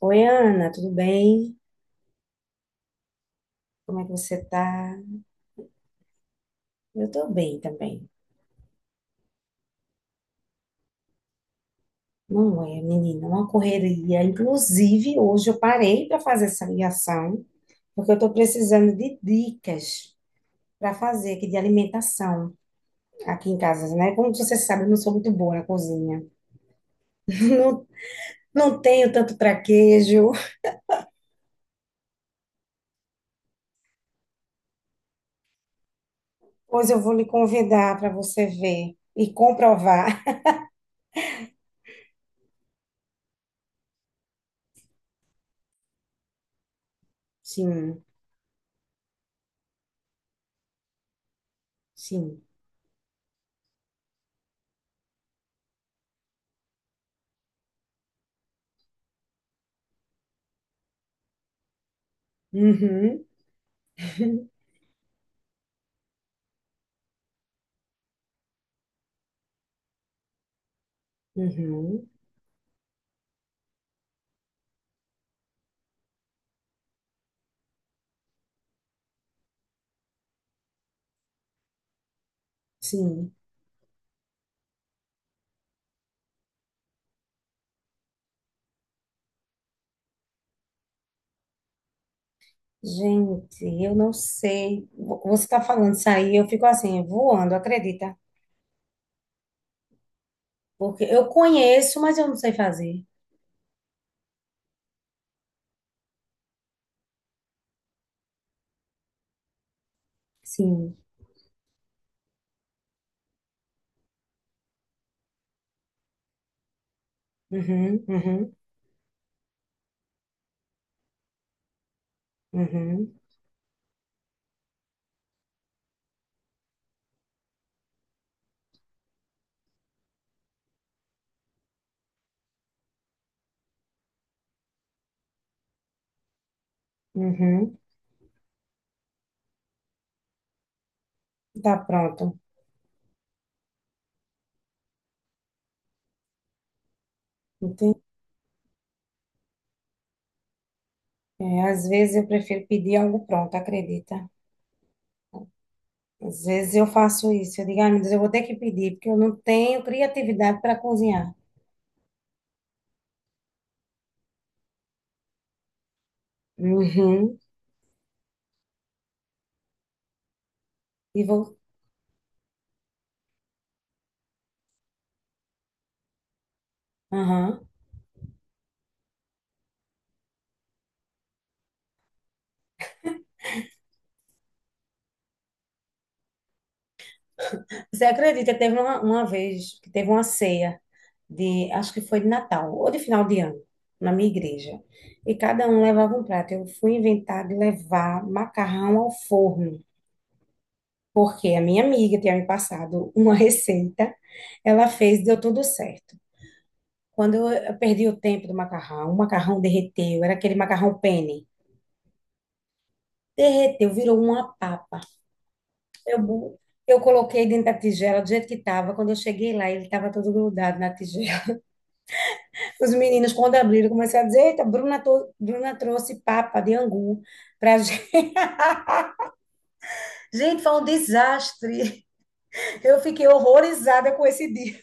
Oi, Ana, tudo bem? Como é que você tá? Eu tô bem também. Não é, menina, uma correria. Inclusive, hoje eu parei para fazer essa ligação, porque eu tô precisando de dicas para fazer aqui de alimentação aqui em casa, né? Como você sabe, eu não sou muito boa na cozinha. Não, não tenho tanto traquejo. Pois eu vou lhe convidar para você ver e comprovar. Sim, sim. Uhum, uhum, sim. Gente, eu não sei. Você está falando isso aí, eu fico assim, voando, acredita? Porque eu conheço, mas eu não sei fazer. Sim. Uhum, uhum, uhum, uhum. Tá pronto. Entendi. É, às vezes eu prefiro pedir algo pronto, acredita? Às vezes eu faço isso. Eu digo, ai, meu Deus, eu vou ter que pedir, porque eu não tenho criatividade para cozinhar. Uhum. E vou. Aham. Você acredita, que teve uma vez que teve uma ceia de, acho que foi de Natal ou de final de ano, na minha igreja. E cada um levava um prato. Eu fui inventar de levar macarrão ao forno, porque a minha amiga tinha me passado uma receita, ela fez, deu tudo certo. Quando eu perdi o tempo do macarrão, o macarrão derreteu, era aquele macarrão penne. Derreteu, virou uma papa. Eu, eu coloquei dentro da tigela do jeito que estava. Quando eu cheguei lá, ele estava todo grudado na tigela. Os meninos, quando abriram, começaram a dizer: Eita, Bruna, Bruna trouxe papa de angu pra gente. Gente, foi um desastre. Eu fiquei horrorizada com esse dia.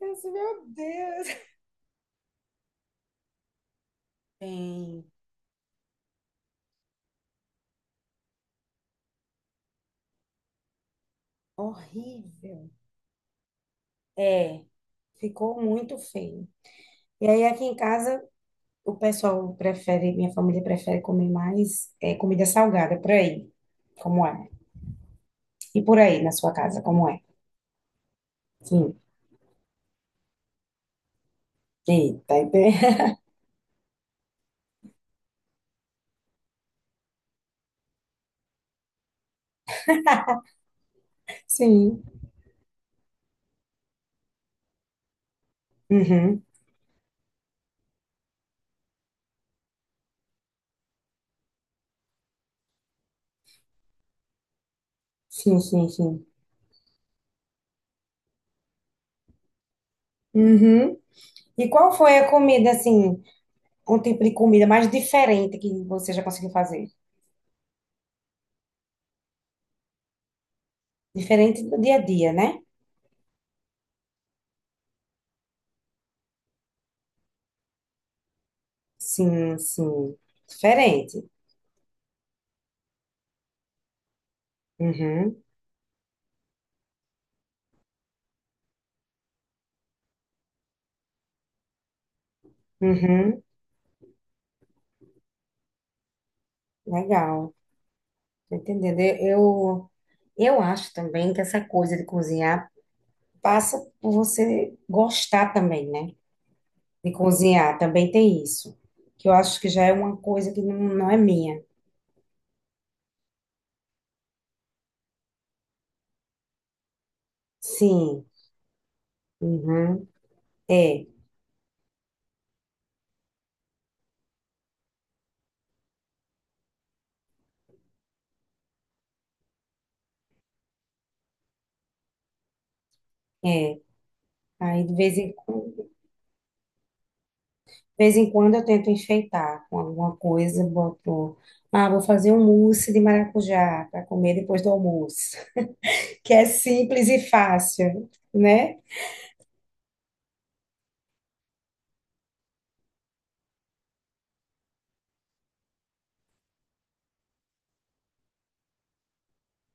Eu disse, meu Deus. Bem, horrível. É, ficou muito feio. E aí, aqui em casa, o pessoal prefere, minha família prefere comer mais é, comida salgada, por aí, como é. E por aí, na sua casa, como é. Sim. Eita, sim. Uhum. Sim, sim, sim. Uhum. E qual foi a comida, assim, um tipo de comida mais diferente que você já conseguiu fazer? Diferente do dia a dia, né? Sim, sim. Diferente. Uhum, uhum. Legal. Tô entendendo. Eu acho também que essa coisa de cozinhar passa por você gostar também, né? De cozinhar. Também tem isso. Que eu acho que já é uma coisa que não, não é minha. Sim. Uhum. É, é. Aí de vez em quando. De vez em quando eu tento enfeitar com alguma coisa, boto, ah, vou fazer um mousse de maracujá para comer depois do almoço, que é simples e fácil, né?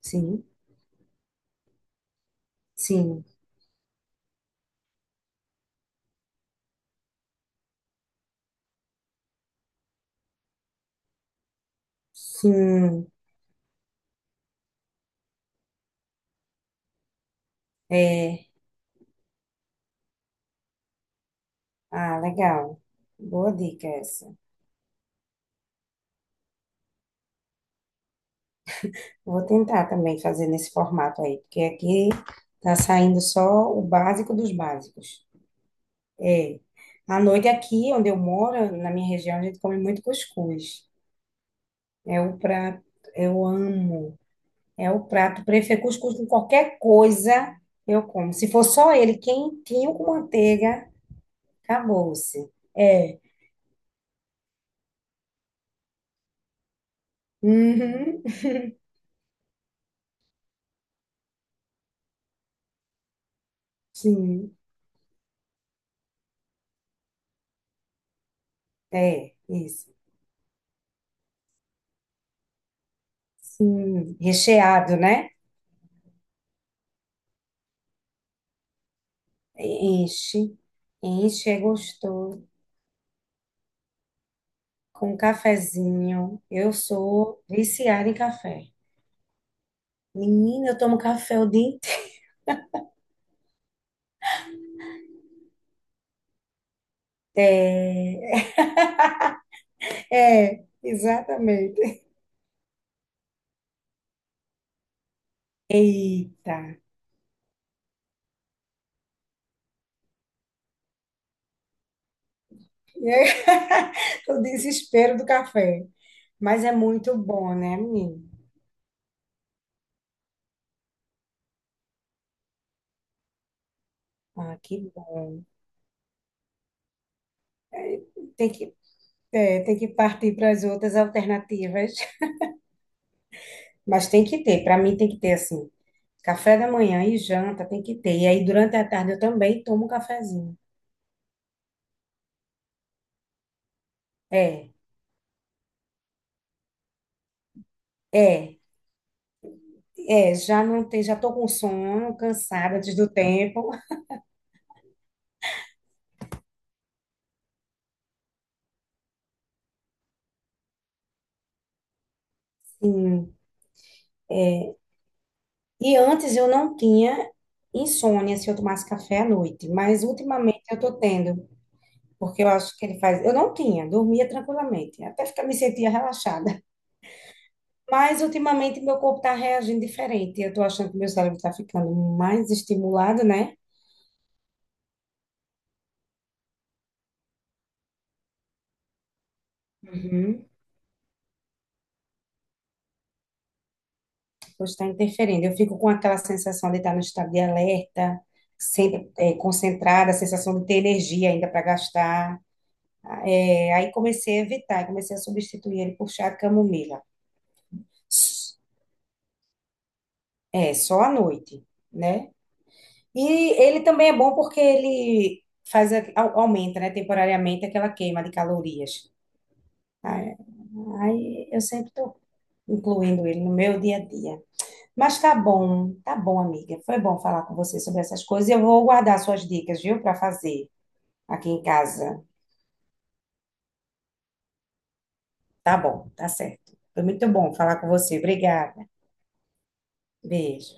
Sim, sim, sim, é, ah, legal, boa dica essa. Vou tentar também fazer nesse formato aí, porque aqui tá saindo só o básico dos básicos. É, à noite aqui onde eu moro, na minha região, a gente come muito cuscuz. É o prato, eu amo. É o prato preferido. Cuscuz com qualquer coisa eu como. Se for só ele quentinho com manteiga, acabou-se. É. Uhum. Sim. É, isso. Recheado, né? Enche. Enche, é gostoso. Com um cafezinho. Eu sou viciada em café. Menina, eu tomo café o dia inteiro. É, é, exatamente. Eita. O desespero do café. Mas é muito bom, né, menino? Ah, que bom. Tem que, é, tem que partir para as outras alternativas. Mas tem que ter, para mim tem que ter assim. Café da manhã e janta tem que ter. E aí durante a tarde eu também tomo um cafezinho. É, é, é, já não tem, já tô com sono, cansada antes do tempo. Sim. E antes eu não tinha insônia se eu tomasse café à noite, mas ultimamente eu tô tendo. Porque eu acho que ele faz. Eu não tinha, dormia tranquilamente, até ficar, me sentia relaxada. Mas ultimamente meu corpo está reagindo diferente. Eu estou achando que meu cérebro está ficando mais estimulado, né? Uhum. Pois está interferindo. Eu fico com aquela sensação de estar no estado de alerta, sempre é, concentrada, a sensação de ter energia ainda para gastar. É, aí comecei a evitar, comecei a substituir ele por chá de camomila. É, só à noite, né? E ele também é bom porque ele faz, aumenta, né, temporariamente aquela queima de calorias. Aí, aí eu sempre estou incluindo ele no meu dia a dia. Mas tá bom, amiga. Foi bom falar com você sobre essas coisas. E eu vou guardar suas dicas, viu, para fazer aqui em casa. Tá bom, tá certo. Foi muito bom falar com você. Obrigada. Beijo.